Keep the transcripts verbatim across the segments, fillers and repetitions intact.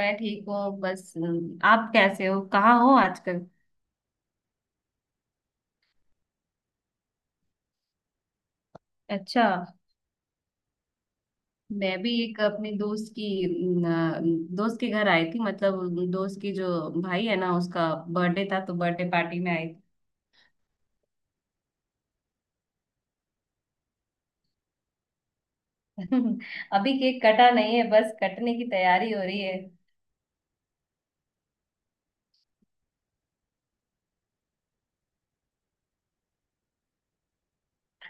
मैं ठीक हूँ बस अम, आप कैसे हो? कहाँ हो आजकल? अच्छा। मैं भी एक अपने दोस्त की अम, अ, दोस्त के घर आई थी। मतलब दोस्त की जो भाई है ना, उसका बर्थडे था तो बर्थडे पार्टी में आई थी। अभी केक कटा नहीं है, बस कटने की तैयारी हो रही है।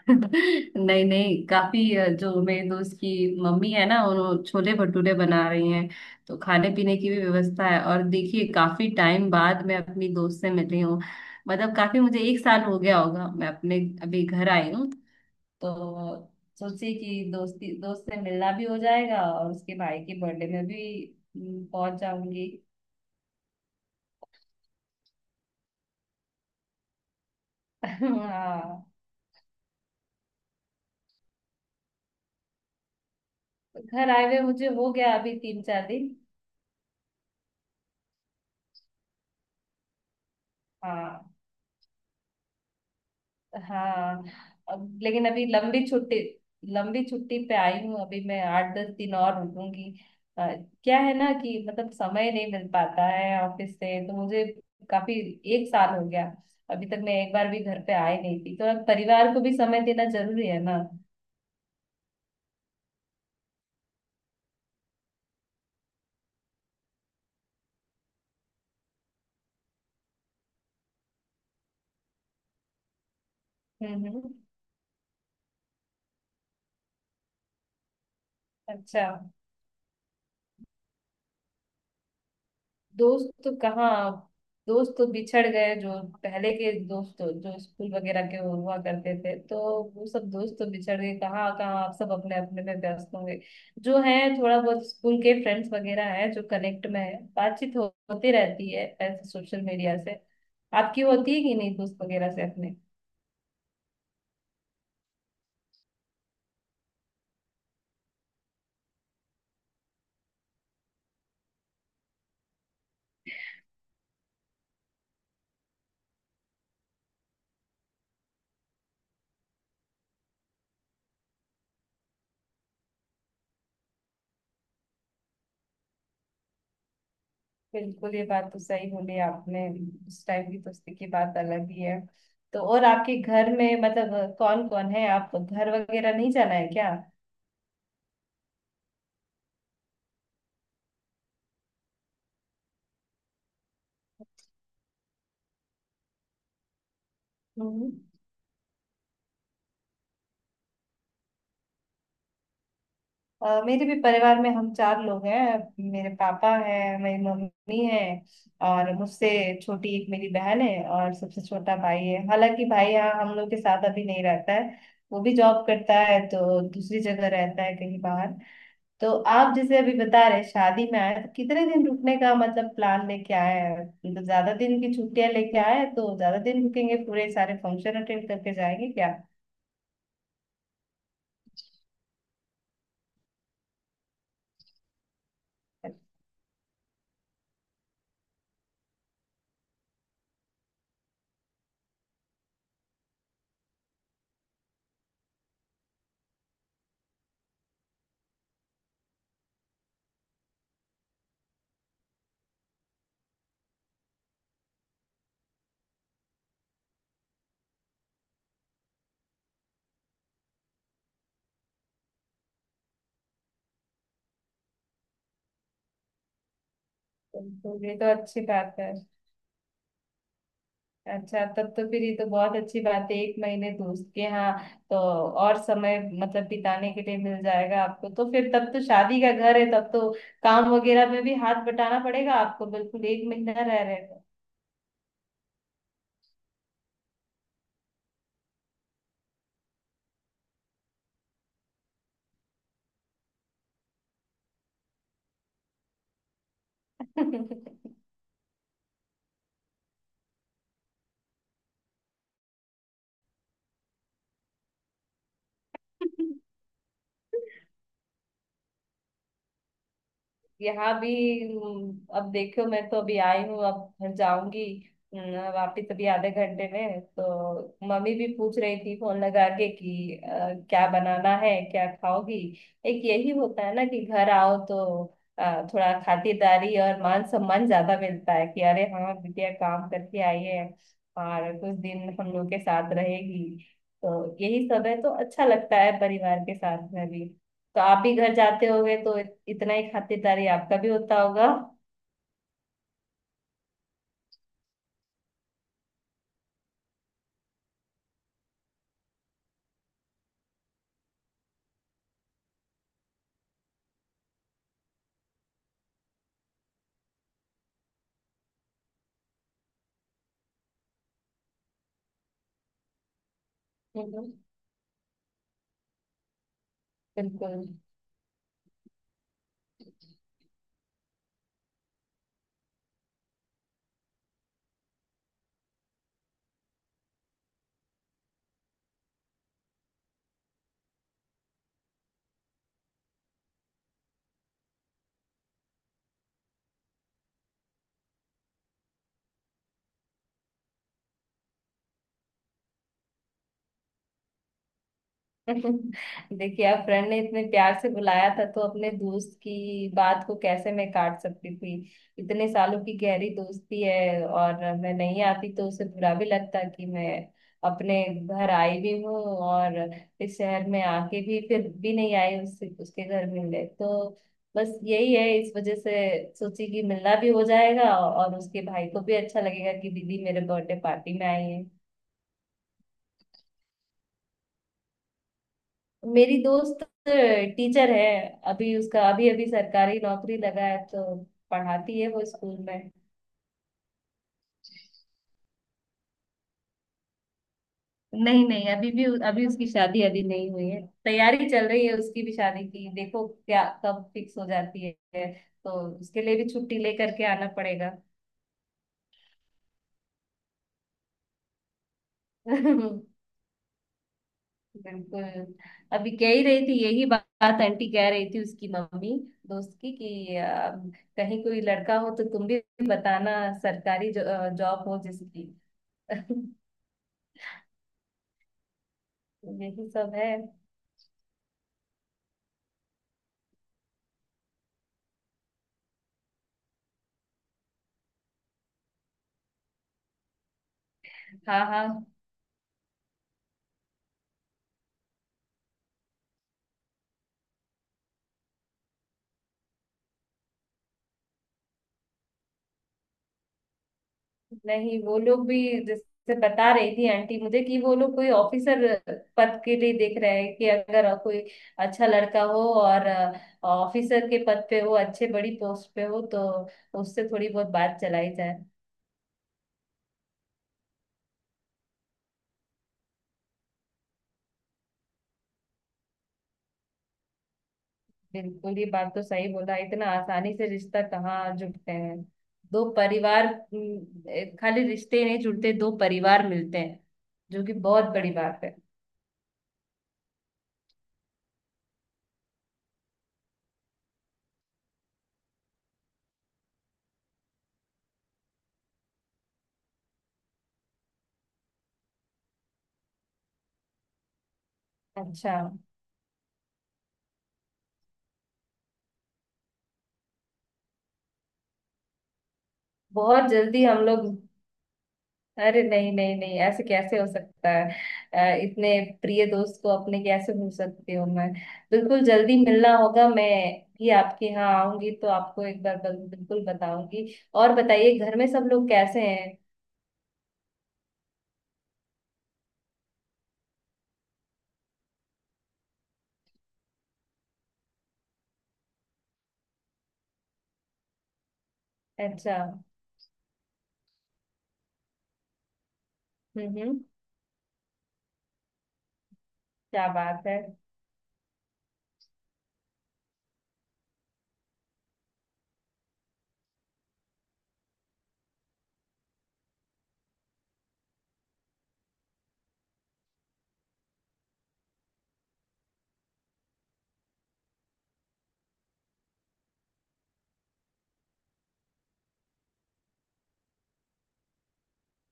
नहीं नहीं, काफी अ, जो मेरे दोस्त की मम्मी है ना, उन्होंने छोले भटूरे बना रही हैं। तो खाने पीने की भी व्यवस्था है, और देखिए काफी टाइम बाद मैं अपनी दोस्त से मिली हूँ। मतलब काफी, मुझे एक साल हो गया होगा, मैं अपने अभी घर आई हूँ। तो सोची कि दोस्ती दोस्त से मिलना भी हो जाएगा, और उसके भाई के बर्थडे में भी हम्म, पहुंच जाऊंगी। हाँ। घर आए हुए मुझे हो गया अभी तीन चार दिन। हाँ, हाँ। अब लेकिन अभी लंबी छुट्टी लंबी छुट्टी पे आई हूँ, अभी मैं आठ दस दिन और रुकूंगी। अ, क्या है ना कि मतलब समय नहीं मिल पाता है ऑफिस से, तो मुझे काफी, एक साल हो गया। अभी तक मैं एक बार भी घर पे आई नहीं थी, तो अब परिवार को भी समय देना जरूरी है ना। हम्म, हम्म। अच्छा। दोस्त तो कहाँ, दोस्त तो बिछड़ गए। जो पहले के दोस्त तो- जो स्कूल वगैरह के हुआ करते थे, तो वो सब दोस्त तो बिछड़ गए कहाँ कहाँ, आप सब अपने अपने में व्यस्त होंगे। जो है थोड़ा बहुत स्कूल के फ्रेंड्स वगैरह है, जो कनेक्ट में है, बातचीत हो, होती रहती है ऐसे सोशल मीडिया से। आपकी होती है कि नहीं दोस्त वगैरह से अपने? बिल्कुल, ये बात तो सही बोली आपने। उस टाइम की दोस्ती की बात अलग ही है। तो और आपके घर में मतलब कौन कौन है? आप घर वगैरह नहीं जाना है क्या? हम्म। अ, मेरे भी परिवार में हम चार लोग हैं। मेरे पापा है, मेरी मम्मी है, और मुझसे छोटी एक मेरी बहन है, और सबसे छोटा भाई है। हालांकि भाई यहाँ हम लोग के साथ अभी नहीं रहता है। वो भी जॉब करता है तो दूसरी जगह रहता है, कहीं बाहर। तो आप जैसे अभी बता रहे शादी में आए, तो कितने दिन रुकने का मतलब प्लान लेके आए हैं? मतलब ज्यादा दिन की छुट्टियां लेके आए हैं, तो ज्यादा दिन रुकेंगे, पूरे सारे फंक्शन अटेंड करके जाएंगे क्या? तो ये तो अच्छी बात है। अच्छा, तब तो फिर ये तो बहुत अच्छी बात है, एक महीने दोस्त के यहाँ। तो और समय मतलब बिताने के लिए मिल जाएगा आपको, तो फिर तब तो शादी का घर है, तब तो काम वगैरह में भी हाथ बटाना पड़ेगा आपको, बिल्कुल एक महीना रह रहे हो। यहाँ भी। हम्म, अब देखो मैं तो अभी आई हूँ, अब घर जाऊंगी हम्म, वापिस। अभी आधे घंटे में तो मम्मी भी पूछ रही थी फोन लगा के कि अ, क्या बनाना है, क्या खाओगी। एक यही होता है ना कि घर आओ तो अ, थोड़ा खातिरदारी और मान सम्मान ज्यादा मिलता है कि अरे हाँ, बिटिया काम करके आई है, और कुछ दिन हम लोग के साथ रहेगी। तो यही सब है, तो अच्छा लगता है परिवार के साथ में भी। तो आप भी घर जाते होगे तो इतना ही खातिरदारी आपका भी होता होगा। हम्म, बिल्कुल। देखिए, आप फ्रेंड ने इतने प्यार से बुलाया था तो अपने दोस्त की बात को कैसे मैं काट सकती थी। इतने सालों की गहरी दोस्ती है, और मैं नहीं आती तो उसे बुरा भी लगता कि मैं अपने घर आई भी हूँ, और इस शहर में आके भी फिर भी नहीं आई उससे उसके घर मिलने। तो बस यही है इस वजह से। सोची कि मिलना भी हो जाएगा और उसके भाई को भी अच्छा लगेगा कि दीदी मेरे बर्थडे पार्टी में आई। मेरी दोस्त टीचर है। अभी उसका अभी अभी सरकारी नौकरी लगा है, तो पढ़ाती है वो स्कूल में। नहीं नहीं, अभी भी अभी उसकी शादी अभी नहीं हुई है, तैयारी चल रही है उसकी भी शादी की, देखो क्या कब फिक्स हो जाती है, तो उसके लिए भी छुट्टी लेकर के आना पड़ेगा। बिल्कुल। अभी कह ही रही थी, यही बात आंटी कह रही थी, उसकी मम्मी, दोस्त की, कि अ, कहीं कोई लड़का हो तो तुम भी बताना, सरकारी जो- जॉब हो जिसकी। यही सब है। हाँ, हाँ। नहीं, वो लोग भी जैसे बता रही थी आंटी मुझे कि वो लोग कोई ऑफिसर पद के लिए देख रहे हैं, कि अगर कोई अच्छा लड़का हो और ऑफिसर के पद पे हो, अच्छे बड़ी पोस्ट पे हो, तो उससे थोड़ी बहुत बात चलाई जाए। बिल्कुल, ये बात तो सही बोला। इतना आसानी से रिश्ता कहाँ जुड़ते हैं दो परिवार? हम्म, खाली रिश्ते ही नहीं जुड़ते, दो परिवार मिलते हैं, जो कि बहुत बड़ी बात है। अच्छा। बहुत जल्दी हम लोग। अरे नहीं नहीं नहीं, ऐसे कैसे हो सकता है? अ, इतने प्रिय दोस्त को अपने कैसे भूल सकती हूँ मैं? बिल्कुल, जल्दी मिलना होगा। मैं भी आपके यहाँ आऊंगी तो आपको एक बार बल- बिल्कुल बताऊंगी। और बताइए घर में सब लोग कैसे हैं? अच्छा। हम्म, हम्म। क्या बात है?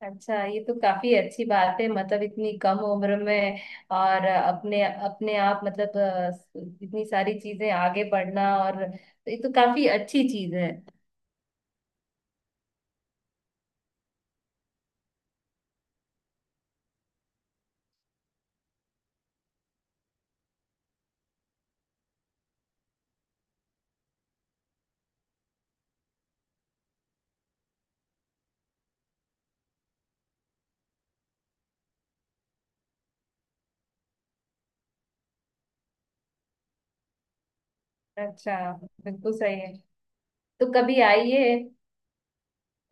अच्छा, ये तो काफी अच्छी बात है, मतलब इतनी कम उम्र में। और अपने अपने आप मतलब अ, इतनी सारी चीजें आगे बढ़ना, और तो ये तो काफी अच्छी चीज है। अच्छा, बिल्कुल सही है। तो कभी आइए।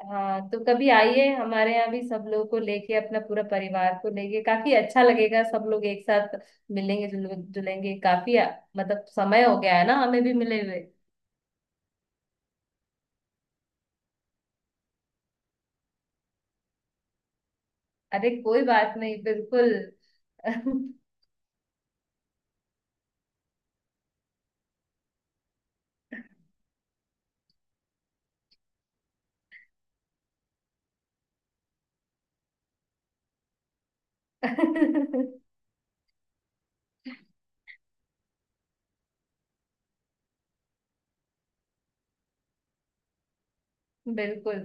हाँ, तो कभी आइए हमारे यहाँ भी, सब लोगों को लेके, अपना पूरा परिवार को लेके, काफी अच्छा लगेगा सब लोग एक साथ मिलेंगे जुल- जुलेंगे। काफी आ- मतलब समय हो गया है ना हमें भी मिले हुए। अरे कोई बात नहीं, बिल्कुल। बिल्कुल।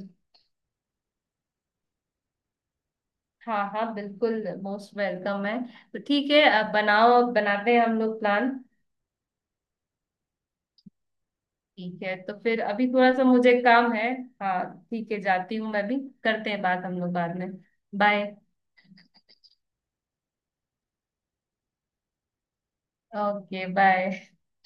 हाँ, हाँ, बिल्कुल मोस्ट वेलकम है। तो ठीक है, अब बनाओ अब बनाते हैं हम लोग प्लान। ठीक है, तो फिर अभी थोड़ा सा मुझे काम है। हाँ, ठीक है, जाती हूँ मैं भी। करते हैं बात हम लोग बाद में। बाय। Okay, bye.